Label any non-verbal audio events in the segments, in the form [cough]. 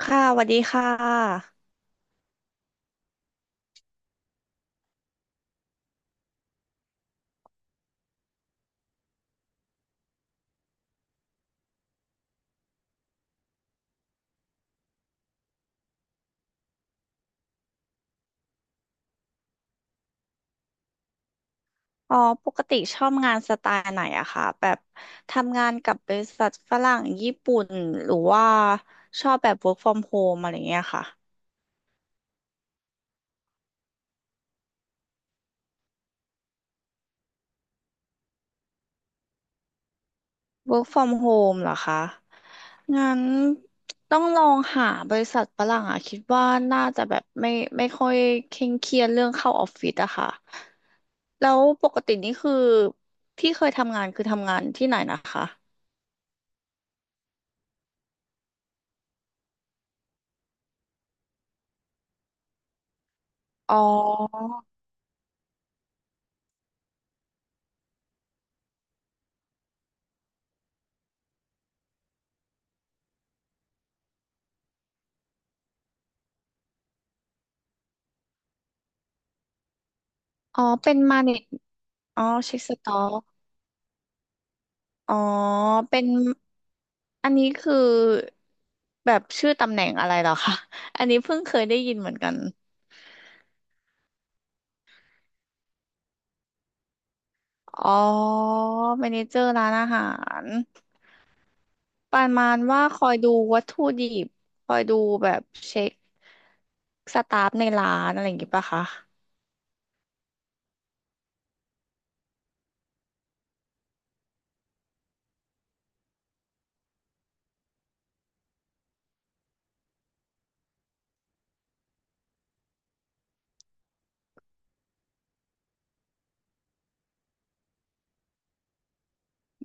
ค่ะสวัสดีค่ะอ๋อปกติชอบงานสไตล์ไหนอะคะแบบทำงานกับบริษัทฝรั่งญี่ปุ่นหรือว่าชอบแบบ work from home อะไรเงี้ยค่ะ work from home เหรอคะงั้นต้องลองหาบริษัทฝรั่งอะคิดว่าน่าจะแบบไม่ค่อยเคร่งเครียดเรื่องเข้าออฟฟิศอะค่ะแล้วปกตินี่คือที่เคยทำงานคือทำงานที่ไหนนะคะอ๋ออ๋อเป็นมาเนจอ๋อเช็คสต็อก อ๋อ เป็นอันนี้คือแบบชื่อตำแหน่งอะไรเหรอคะอันนี้เพิ่งเคยได้ยินเหมือนกัน อ๋อเมเนเจอร์ร้านอาหารประมาณว่าคอยดูวัตถุดิบคอยดูแบบเช็คสตาฟในร้านอะไรอย่างงี้ปะคะ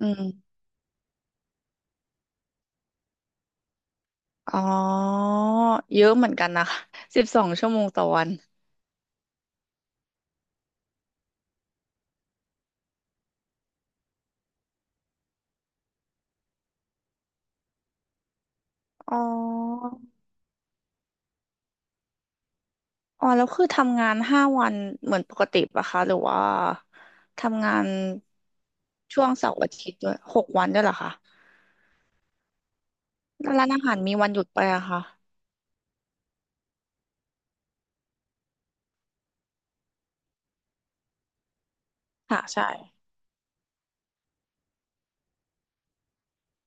อืม อ๋อ เยอะเหมือนกันนะคะ12 ชั่วโมงต่อวัน อ๋อ อ๋อแล้วคือทำงานห้าวันเหมือนปกติปะคะหรือว่าทำงานช่วงเสาร์อาทิตย์ด้วย6 วันด้วยเหรอคะแล้วร้านอาหารมีวันหยุดไปอะคะค่ะใช่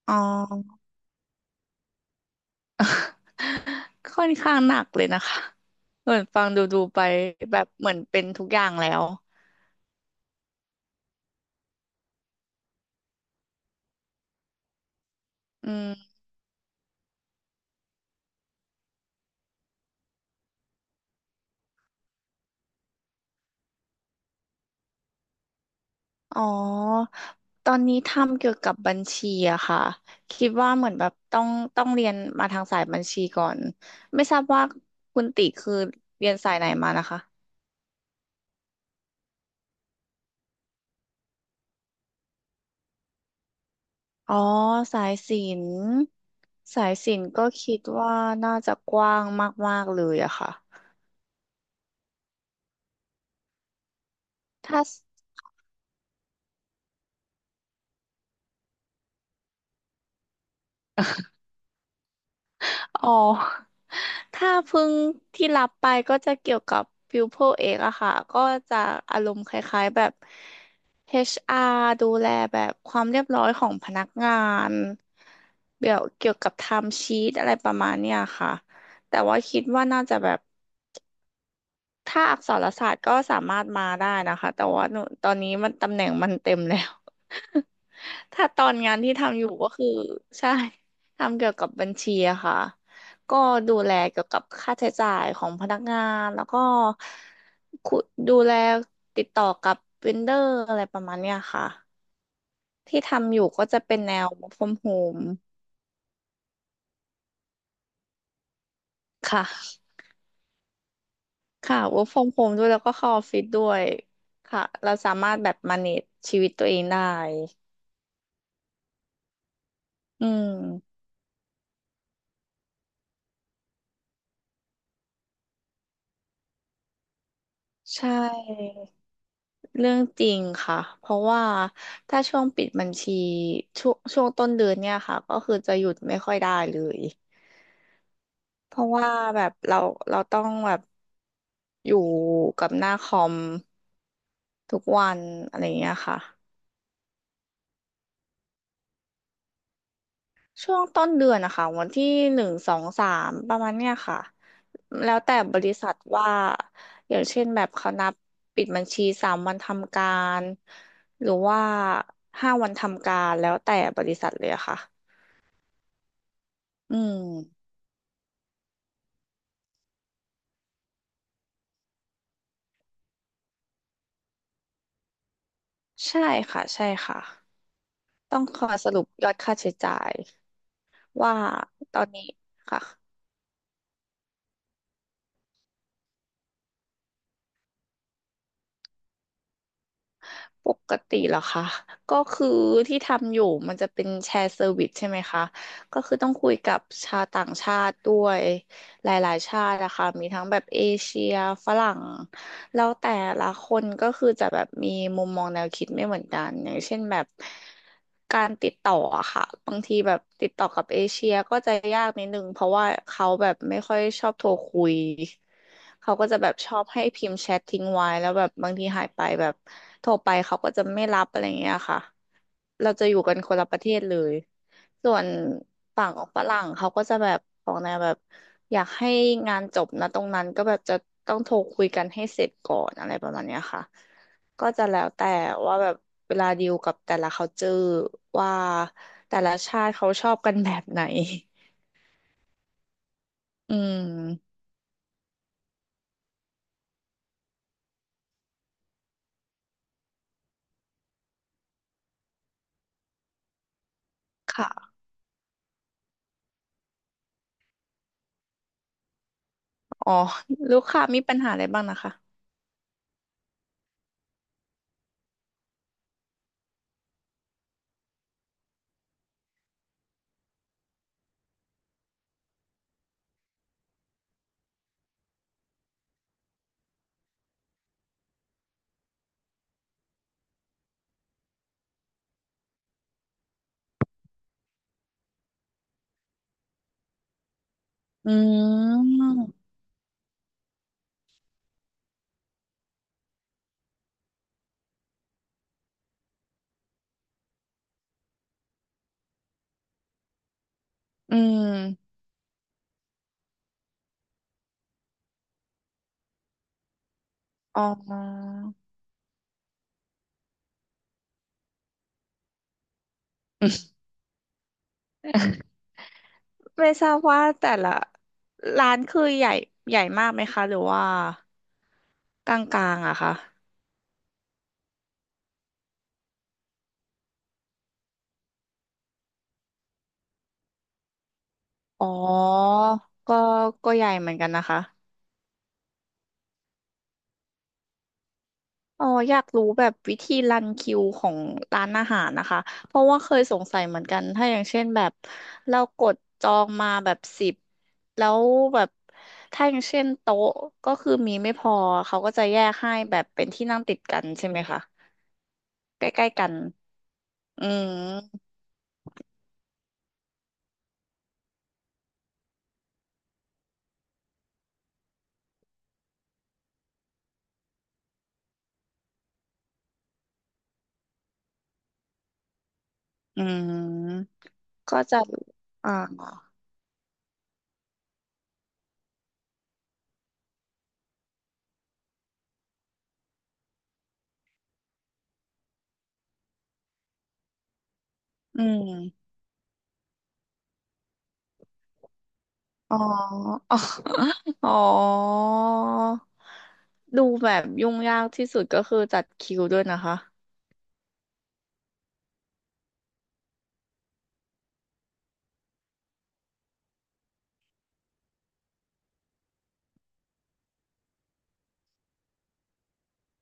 อ๋อค่อนข้างหนักเลยนะคะเหมือนฟังดูดูไปแบบเหมือนเป็นทุกอย่างแล้วอืมอ๋อตอนนี้ทำเกี่ยวกับบัญชีอะค่ะคิดว่าเหมือนแบบต้องเรียนมาทางสายบัญชีก่อน ไม่ทราบว่าคุณติคือเรียนสายไหนมานะคะ อ๋อสายศิลป์สายศิลป์ก็คิดว่าน่าจะกว้างมากๆเลยอะค่ะถ้าอ๋อถ้าเพิ่งที่รับไปก็จะเกี่ยวกับฟิวโพเอกอะค่ะก็จะอารมณ์คล้ายๆแบบ HR ดูแลแบบความเรียบร้อยของพนักงานเดี๋ยวเกี่ยวกับไทม์ชีตอะไรประมาณเนี้ยค่ะแต่ว่าคิดว่าน่าจะแบบ ถ้าอักษรศาสตร์ก็สามารถมาได้นะคะ แต่ว่าหนูตอนนี้มันตำแหน่งมันเต็มแล้ว [laughs] ถ้าตอนงานที่ทำอยู่ก็คือใช่ทำเกี่ยวกับบัญชีอะค่ะก็ดูแลเกี่ยวกับค่าใช้จ่ายของพนักงานแล้วก็คุดูแลติดต่อกับเวนเดอร์อะไรประมาณเนี้ยค่ะที่ทำอยู่ก็จะเป็นแนว work from home ค่ะค่ะ work from home ด้วยแล้วก็เข้าออฟฟิศด้วยค่ะเราสามารถแบบ manage ชีวิตตัวเองได้ อืมใช่เรื่องจริงค่ะเพราะว่าถ้าช่วงปิดบัญชีช่วงต้นเดือนเนี่ยค่ะก็คือจะหยุดไม่ค่อยได้เลยเพราะว่าแบบเราต้องแบบอยู่กับหน้าคอมทุกวันอะไรอย่างเงี้ยค่ะ ช่วงต้นเดือนนะคะวันที่หนึ่งสองสามประมาณเนี้ยค่ะแล้วแต่บริษัทว่าอย่างเช่นแบบเขานับปิดบัญชี3 วันทำการหรือว่าห้าวันทำการแล้วแต่บริษัทเลยอะค่ะอืมใช่ค่ะใช่ค่ะต้องคอยสรุปยอดค่าใช้จ่ายว่าตอนนี้ค่ะ ปกติเหรอคะก็คือที่ทำอยู่มันจะเป็นแชร์เซอร์วิสใช่ไหมคะก็คือต้องคุยกับชาวต่างชาติด้วยหลายๆชาตินะคะมีทั้งแบบเอเชียฝรั่งแล้วแต่ละคนก็คือจะแบบมีมุมมองแนวคิดไม่เหมือนกันอย่างเช่นแบบการติดต่ออะค่ะบางทีแบบติดต่อกับเอเชียก็จะยากนิดนึงเพราะว่าเขาแบบไม่ค่อยชอบโทรคุย เขาก็จะแบบชอบให้พิมพ์แชททิ้งไว้แล้วแบบบางทีหายไปแบบโทรไปเขาก็จะไม่รับอะไรเงี้ยค่ะเราจะอยู่กันคนละประเทศเลย ส่วนฝั่งของฝรั่งเขาก็จะแบบของแนวแบบอยากให้งานจบนะตรงนั้นก็แบบจะต้องโทรคุยกันให้เสร็จก่อนอะไรประมาณเนี้ยค่ะ ก็จะแล้วแต่ว่าแบบเวลาดีลกับแต่ละ culture ว่าแต่ละชาติเขาชอบกันแบบไหนอืม ค่ะอ๋อลูกค้ามีปัญหาอะไรบ้างนะคะ อืม อืมอ๋ออืมไม่ทราบว่าแต่ละร้านคือใหญ่ใหญ่มากไหมคะหรือว่ากลางๆอะคะ อ๋อก็ก็ใหญ่เหมือนกันนะคะ อ๋ออยากรู้แบบวิธีรันคิวของร้านอาหารนะคะเพราะว่าเคยสงสัยเหมือนกันถ้าอย่างเช่นแบบเรากดจองมาแบบสิบแล้วแบบถ้าอย่างเช่นโต๊ะก็คือมีไม่พอเขาก็จะแยกให้แบบเป็นที่นั่งติดกันใช่ไหมคะใกล้ๆกันอืมอืมก็จะอ่าอืมอ๋ออ๋ออ๋อดูแบบยุ่งยากที่สุดก็คือจัดคิวด้วยนะคะ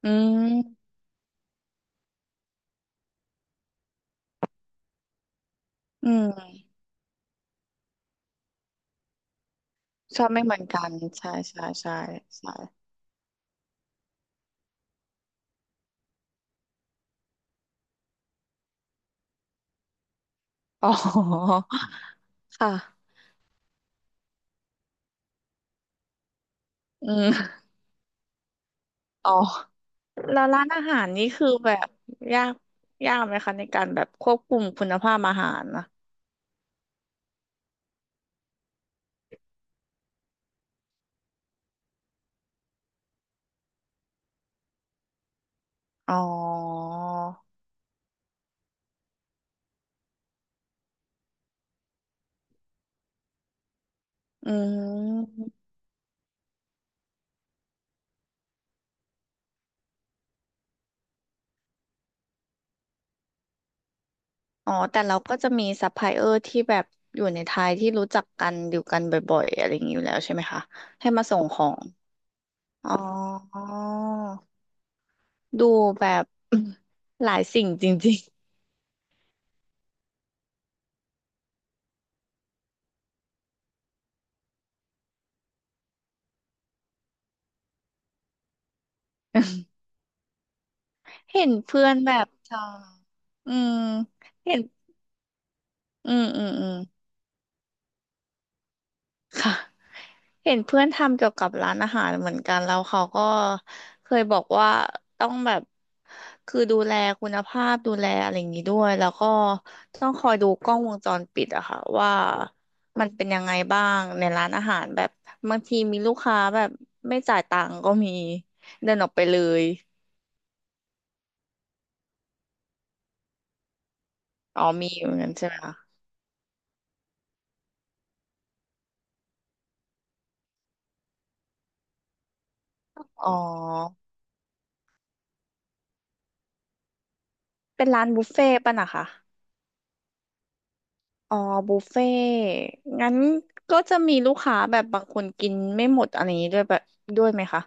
อืม อืมชอบไม่เหมือนกันใช่ใช่ใช่ใช่อ๋อค่ะอืมอ๋อแล้วร้านอาหารนี่คือแบบยากยากไหมคะในการแบบควบคุมคุณภาพอาหารนะอ๋ออืมอ๋อแต่เราก็จะมีซัพพลายเออร์ที่แบบอยู่ในไทยที่รู้จักกันอยู่กันบ่อยๆอะไรอย่างนี้อยู่แล้วใช่ไหมคะให้มาส่งของอ๋อดูแบบ [clears throat] หลายสิ่งจริง เห็นเพื่อนแบบทำอืมเห็นอืมอืมอืมค่ะเห็นเพื่อนทำเกี่ยวกับร้านอาหารเหมือนกันแล้วเขาก็เคยบอกว่าต้องแบบคือดูแลคุณภาพดูแลอะไรอย่างนี้ด้วยแล้วก็ต้องคอยดูกล้องวงจรปิดอะค่ะว่ามันเป็นยังไงบ้างในร้านอาหารแบบบางทีมีลูกค้าแบบไม่จ่ายตังค์ก็มีเดินออกไปเลยอ๋อมีเหมือนกันใช่ไหมคะอ๋อเป็นร้านบุฟเฟ่ต์ป่ะนะคะ อ๋อบุฟเฟ่งั้นก็จะมีลูกค้าแบบบางคนกินไม่หมดอะไรอย่างนี้ด้วยแบบด้วยไหมคะ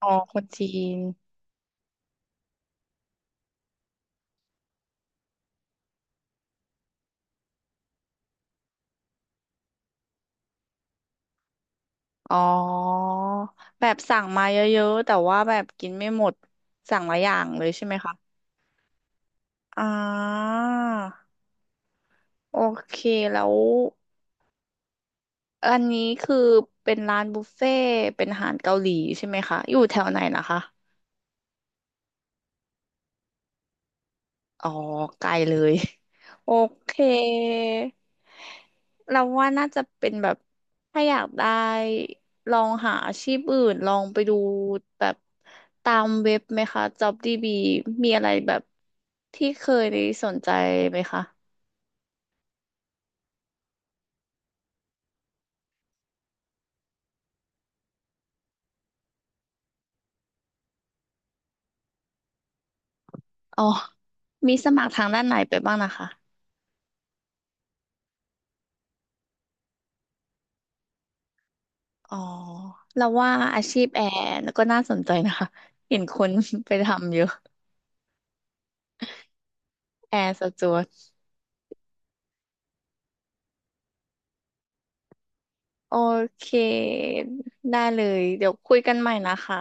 อ๋อคนจีนอ๋อแบบสั่งมาเยอะๆแต่ว่าแบบกินไม่หมดสั่งหลายอย่างเลยใช่ไหมคะอ่าโอเคแล้วอันนี้คือเป็นร้านบุฟเฟ่ต์เป็นอาหารเกาหลีใช่ไหมคะอยู่แถวไหนนะคะ อ๋อไกลเลย [laughs] โอเคเราว่าน่าจะเป็นแบบถ้าอยากได้ลองหาอาชีพอื่นลองไปดูแบบตามเว็บไหมคะ JobDB มีอะไรแบบที่เคยสนใจไหมคะอ๋อมีสมัครทางด้านไหนไปบ้างนะคะอ๋อเราว่าอาชีพแอร์ก็น่าสนใจนะคะเห็นคน [laughs] ไปทำเยอะแอร์สจ๊วต โอเค ได้เลย เดี๋ยวคุยกันใหม่นะคะ